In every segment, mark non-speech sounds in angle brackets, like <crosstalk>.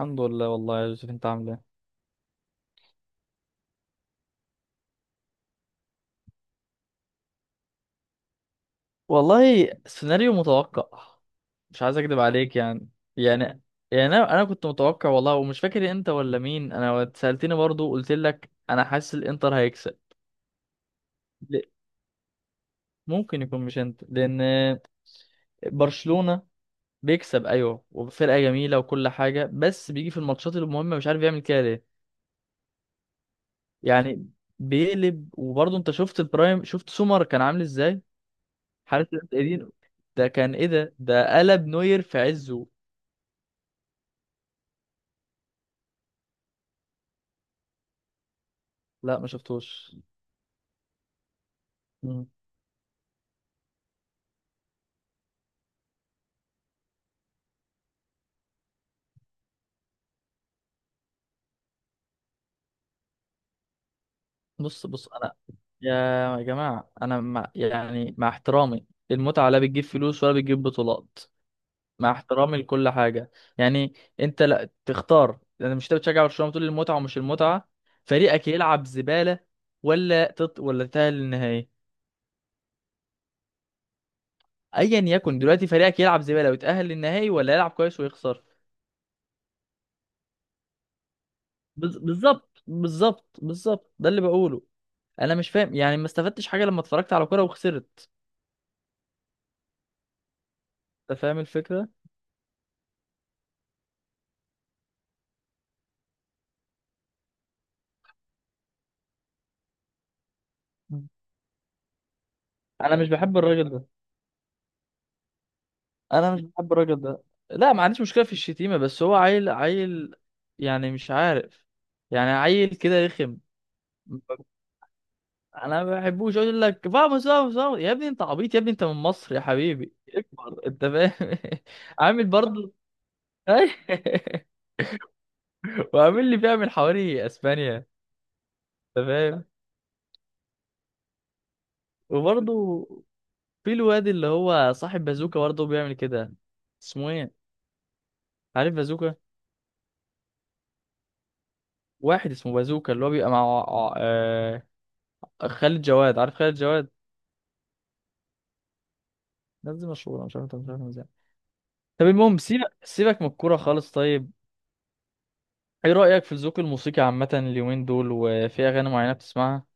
الحمد لله والله يا يوسف، انت عامل ايه؟ والله سيناريو متوقع. مش عايز اكدب عليك يعني. يعني يعني، انا كنت متوقع والله، ومش فاكر انت ولا مين. انا اتسالتني برضو قلت لك انا حاسس الانتر هيكسب. ل- ممكن يكون مش انت، لان برشلونة بيكسب ايوه، وفرقة جميلة وكل حاجة، بس بيجي في الماتشات المهمة مش عارف يعمل كده ليه. يعني بيقلب، وبرضو انت شفت البرايم، شفت سومر كان عامل ازاي؟ حارس الانتر، ده كان ايه؟ ده قلب نوير في عزه. لا، ما شفتوش. مم. بص بص، انا يا جماعه، انا مع يعني مع احترامي، المتعه لا بتجيب فلوس ولا بتجيب بطولات. مع احترامي لكل حاجه يعني. انت لا تختار، انا مش، انت بتشجع برشلونه بتقول المتعه ومش المتعه. فريقك يلعب زباله ولا ولا تتاهل للنهائي؟ ايا يكن، دلوقتي فريقك يلعب زباله ويتاهل للنهائي، ولا يلعب كويس ويخسر؟ بالظبط بالظبط بالظبط، ده اللي بقوله. انا مش فاهم يعني، ما استفدتش حاجه لما اتفرجت على كوره وخسرت. انت فاهم الفكره. انا مش بحب الراجل ده. انا مش بحب الراجل ده. لا، ما عنديش مشكله في الشتيمه، بس هو عيل عيل. يعني مش عارف. يعني عيل كده رخم. انا ما بحبوش، اقول لك فاموس فاموس فاموس يا ابني، انت عبيط يا ابني، انت من مصر يا حبيبي، اكبر. انت فاهم؟ <laughs> عامل برضه. <laughs> وعامل لي بيعمل حواري اسبانيا، انت فاهم؟ وبرضه في الواد اللي هو صاحب بازوكا، برضه بيعمل كده. اسمه ايه؟ عارف بازوكا؟ واحد اسمه بازوكا، اللي هو بيبقى مع آه... خالد جواد، عارف خالد جواد؟ الناس دي مشهوره، مش عارف انت مش عارف ازاي. طب، المهم، سيبك سيبك من الكوره خالص. طيب، ايه رايك في الذوق الموسيقي عامه اليومين دول، وفي اغاني معينه بتسمعها؟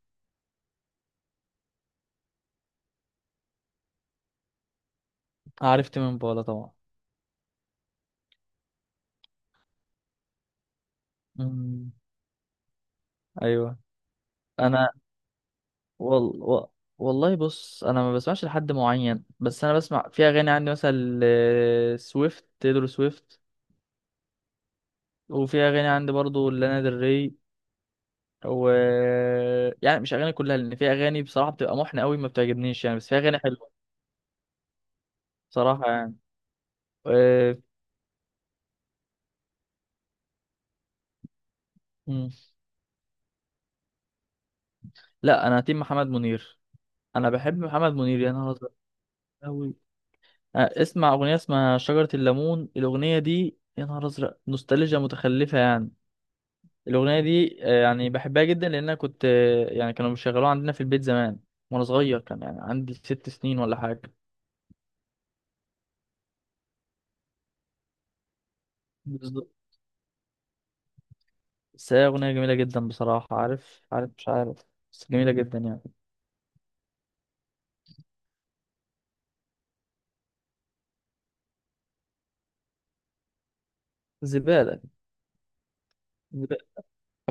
عارف تيمين بولا طبعا. امم. ايوه. انا، وال... و... والله، بص، انا ما بسمعش لحد معين، بس انا بسمع. في اغاني عندي مثلا سويفت، تيدرو سويفت. وفي اغاني عندي برضو لانا ديل ري، و يعني مش اغاني كلها، لان في اغاني بصراحه بتبقى محنه قوي، ما بتعجبنيش يعني، بس في اغاني حلوه. بصراحه يعني. آه، مم. لا، انا تيم محمد منير. انا بحب محمد منير، يا نهار ازرق، قوي. اسمع اغنيه اسمها شجره الليمون، الاغنيه دي يا نهار ازرق نوستالجيا متخلفه يعني. الاغنيه دي يعني بحبها جدا، لان انا كنت يعني كانوا بيشغلوها عندنا في البيت زمان. وانا صغير، كان يعني عندي 6 سنين ولا حاجه. بالظبط. بس هي اغنيه جميله جدا بصراحه، عارف، مش عارف. بس جميله جدا يعني. زباله. زبالة.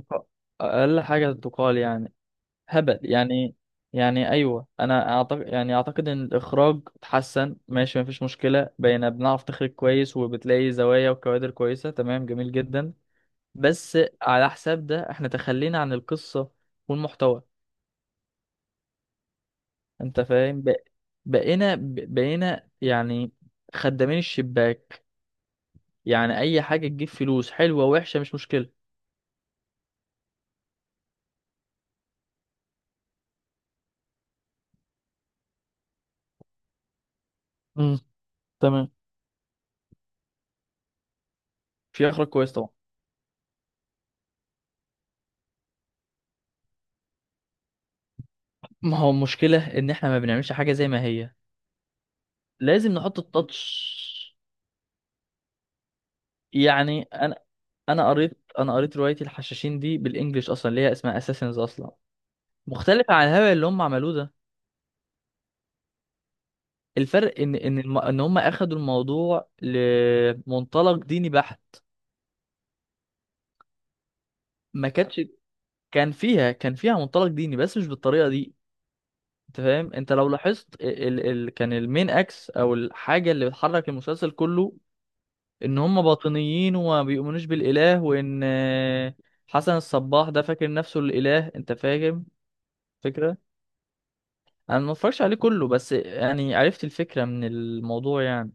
أق- اقل حاجه تقال يعني. هبل يعني. يعني ايوه، انا اعتقد، يعني اعتقد ان الاخراج اتحسن، ماشي، مفيش مشكله، بقينا بنعرف نخرج كويس، وبتلاقي زوايا وكوادر كويسه، تمام، جميل جدا. بس على حساب ده احنا تخلينا عن القصه والمحتوى. انت فاهم، بقينا بقينا يعني خدامين الشباك. يعني اي حاجه تجيب فلوس، حلوه وحشه مش مشكله. امم. تمام. في اخراج كويس طبعا. ما هو المشكله ان احنا ما بنعملش حاجه زي ما هي. لازم نحط التاتش. يعني انا قريت روايه الحشاشين دي بالانجلش اصلا، اللي هي اسمها اساسنز اصلا. مختلفه عن الهبل اللي هم عملوه ده. الفرق ان ان هم اخدوا الموضوع لمنطلق ديني بحت. ما كانتش. كان فيها منطلق ديني، بس مش بالطريقه دي. انت فاهم، انت لو لاحظت كان المين اكس او الحاجه اللي بتحرك المسلسل كله، ان هم باطنيين وما بيؤمنوش بالاله، وان حسن الصباح ده فاكر نفسه الاله. انت فاهم؟ فكره. انا ما اتفرجش عليه كله، بس يعني عرفت الفكره من الموضوع يعني.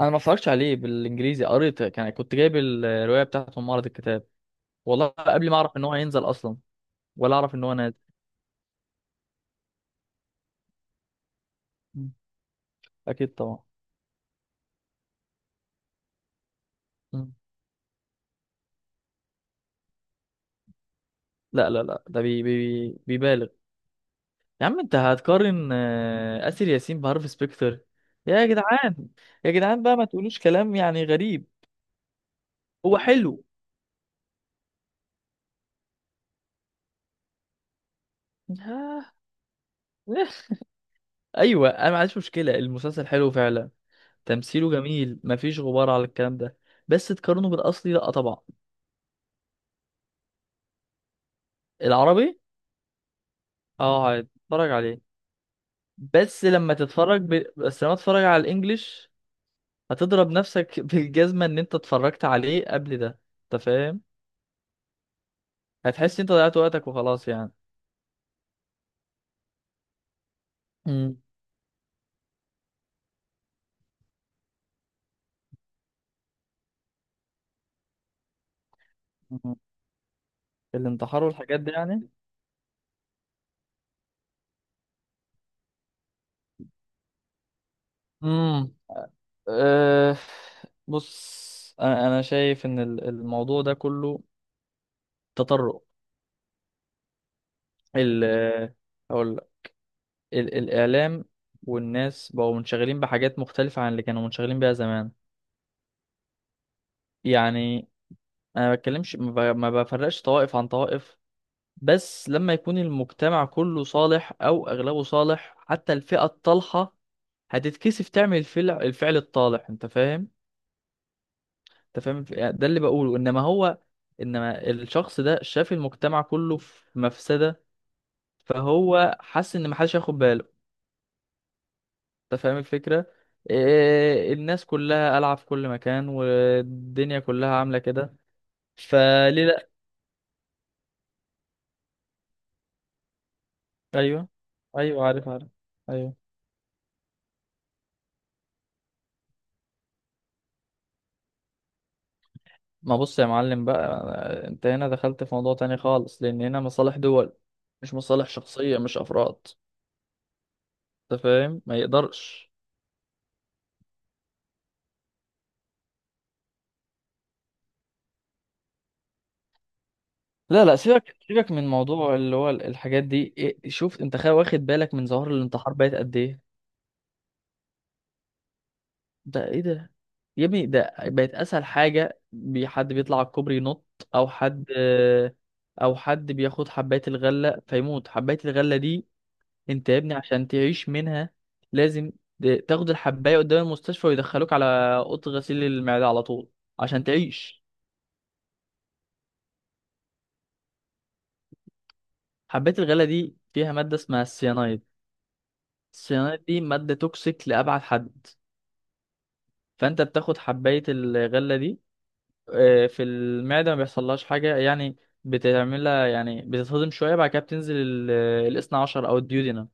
انا ما اتفرجش عليه بالانجليزي، قريت، كنت جايب الروايه بتاعته من معرض الكتاب. والله قبل ما اعرف ان هو هينزل اصلا، ولا اعرف ان هو نازل. مم. اكيد طبعا. مم. لا، لا، لا، ده بي بي بيبالغ. يا عم، انت هتقارن اسر ياسين بهارفي سبيكتر؟ يا جدعان، يا جدعان بقى، ما تقولوش كلام يعني غريب. هو حلو. آه. <laughs> ايوه، انا ما عنديش مشكله، المسلسل حلو فعلا. تمثيله جميل، مفيش غبار على الكلام ده. بس تقارنه بالاصلي؟ لا طبعا. العربي. اه، هتتفرج عليه. بس لما تتفرج على الانجليش، هتضرب نفسك <laughs> بالجزمة ان انت اتفرجت عليه قبل ده، انت فاهم؟ هتحس انت ضيعت وقتك وخلاص يعني. امم. مم. الانتحار والحاجات دي يعني. امم. أه. بص، انا شايف ان الموضوع ده كله تطرق. ال ال الإعلام والناس بقوا منشغلين بحاجات مختلفة عن اللي كانوا منشغلين بيها زمان. يعني أنا ما بتكلمش، ما بفرقش طوائف عن طوائف. بس لما يكون المجتمع كله صالح أو أغلبه صالح، حتى الفئة الطالحة هتتكسف تعمل الفعل الطالح. أنت فاهم؟ أنت فاهم؟ ده اللي بقوله. إنما الشخص ده شاف المجتمع كله في مفسدة. فهو حس إن محدش هياخد باله. انت فاهم الفكرة؟ إيه، الناس كلها قلعة في كل مكان والدنيا كلها عاملة كده. فليه؟ لأ. أيوه، أيوه، عارف، عارف، أيوه. ما، بص يا معلم بقى، انت هنا دخلت في موضوع تاني خالص، لأن هنا مصالح دول. مش مصالح شخصية، مش أفراد. انت فاهم؟ ما يقدرش. لا لا، سيبك سيبك من موضوع اللي هو الحاجات دي إيه، شوف انت، واخد بالك من ظواهر الانتحار بقت قد ايه؟ ده ايه ده؟ يا ابني، ده بقت اسهل حاجه، حد بيطلع على الكوبري ينط. او حد او حد بياخد حبايه الغله فيموت. حبايه الغله دي، انت يا ابني عشان تعيش منها لازم تاخد الحبايه قدام المستشفى، ويدخلوك على اوضه غسيل المعده على طول، عشان تعيش. حبايه الغله دي فيها ماده اسمها السيانايد. السيانايد دي ماده توكسيك لابعد حد. فانت بتاخد حبايه الغله دي، في المعدة ما بيحصلهاش حاجة يعني. بتعملها يعني بتتهضم شوية، بعد كده بتنزل الاثنى عشر أو الديودينم.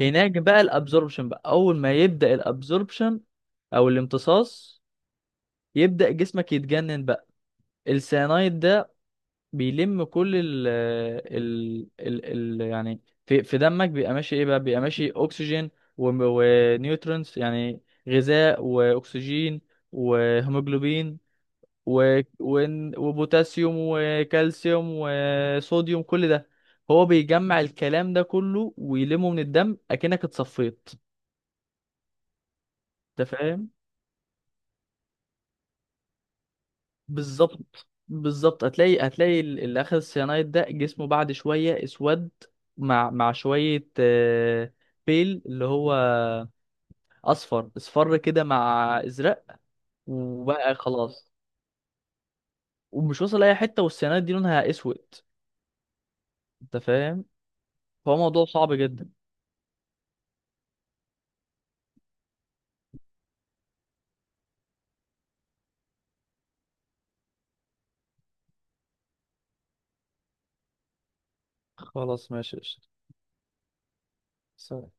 هناك بقى الابزوربشن، بقى أول ما يبدأ الابزوربشن أو الامتصاص، يبدأ جسمك يتجنن بقى. السيانايد ده بيلم كل ال آه، ال ال, ال يعني في دمك. بيبقى ماشي ايه بقى؟ بيبقى ماشي أكسجين ونيوترونز، يعني غذاء وأكسجين وهيموجلوبين وبوتاسيوم وكالسيوم وصوديوم، كل ده هو بيجمع الكلام ده كله ويلمه من الدم، اكنك اتصفيت. انت فاهم؟ بالظبط بالظبط، هتلاقي اللي اخذ السيانايد ده جسمه بعد شويه اسود، مع شويه بيل اللي هو اصفر اصفر كده، مع ازرق. وبقى خلاص، ومش واصل اي حته، والسيانايد دي لونها اسود. انت فاهم؟ فهو موضوع صعب جدا. خلاص، ماشي، قشطة. سلام.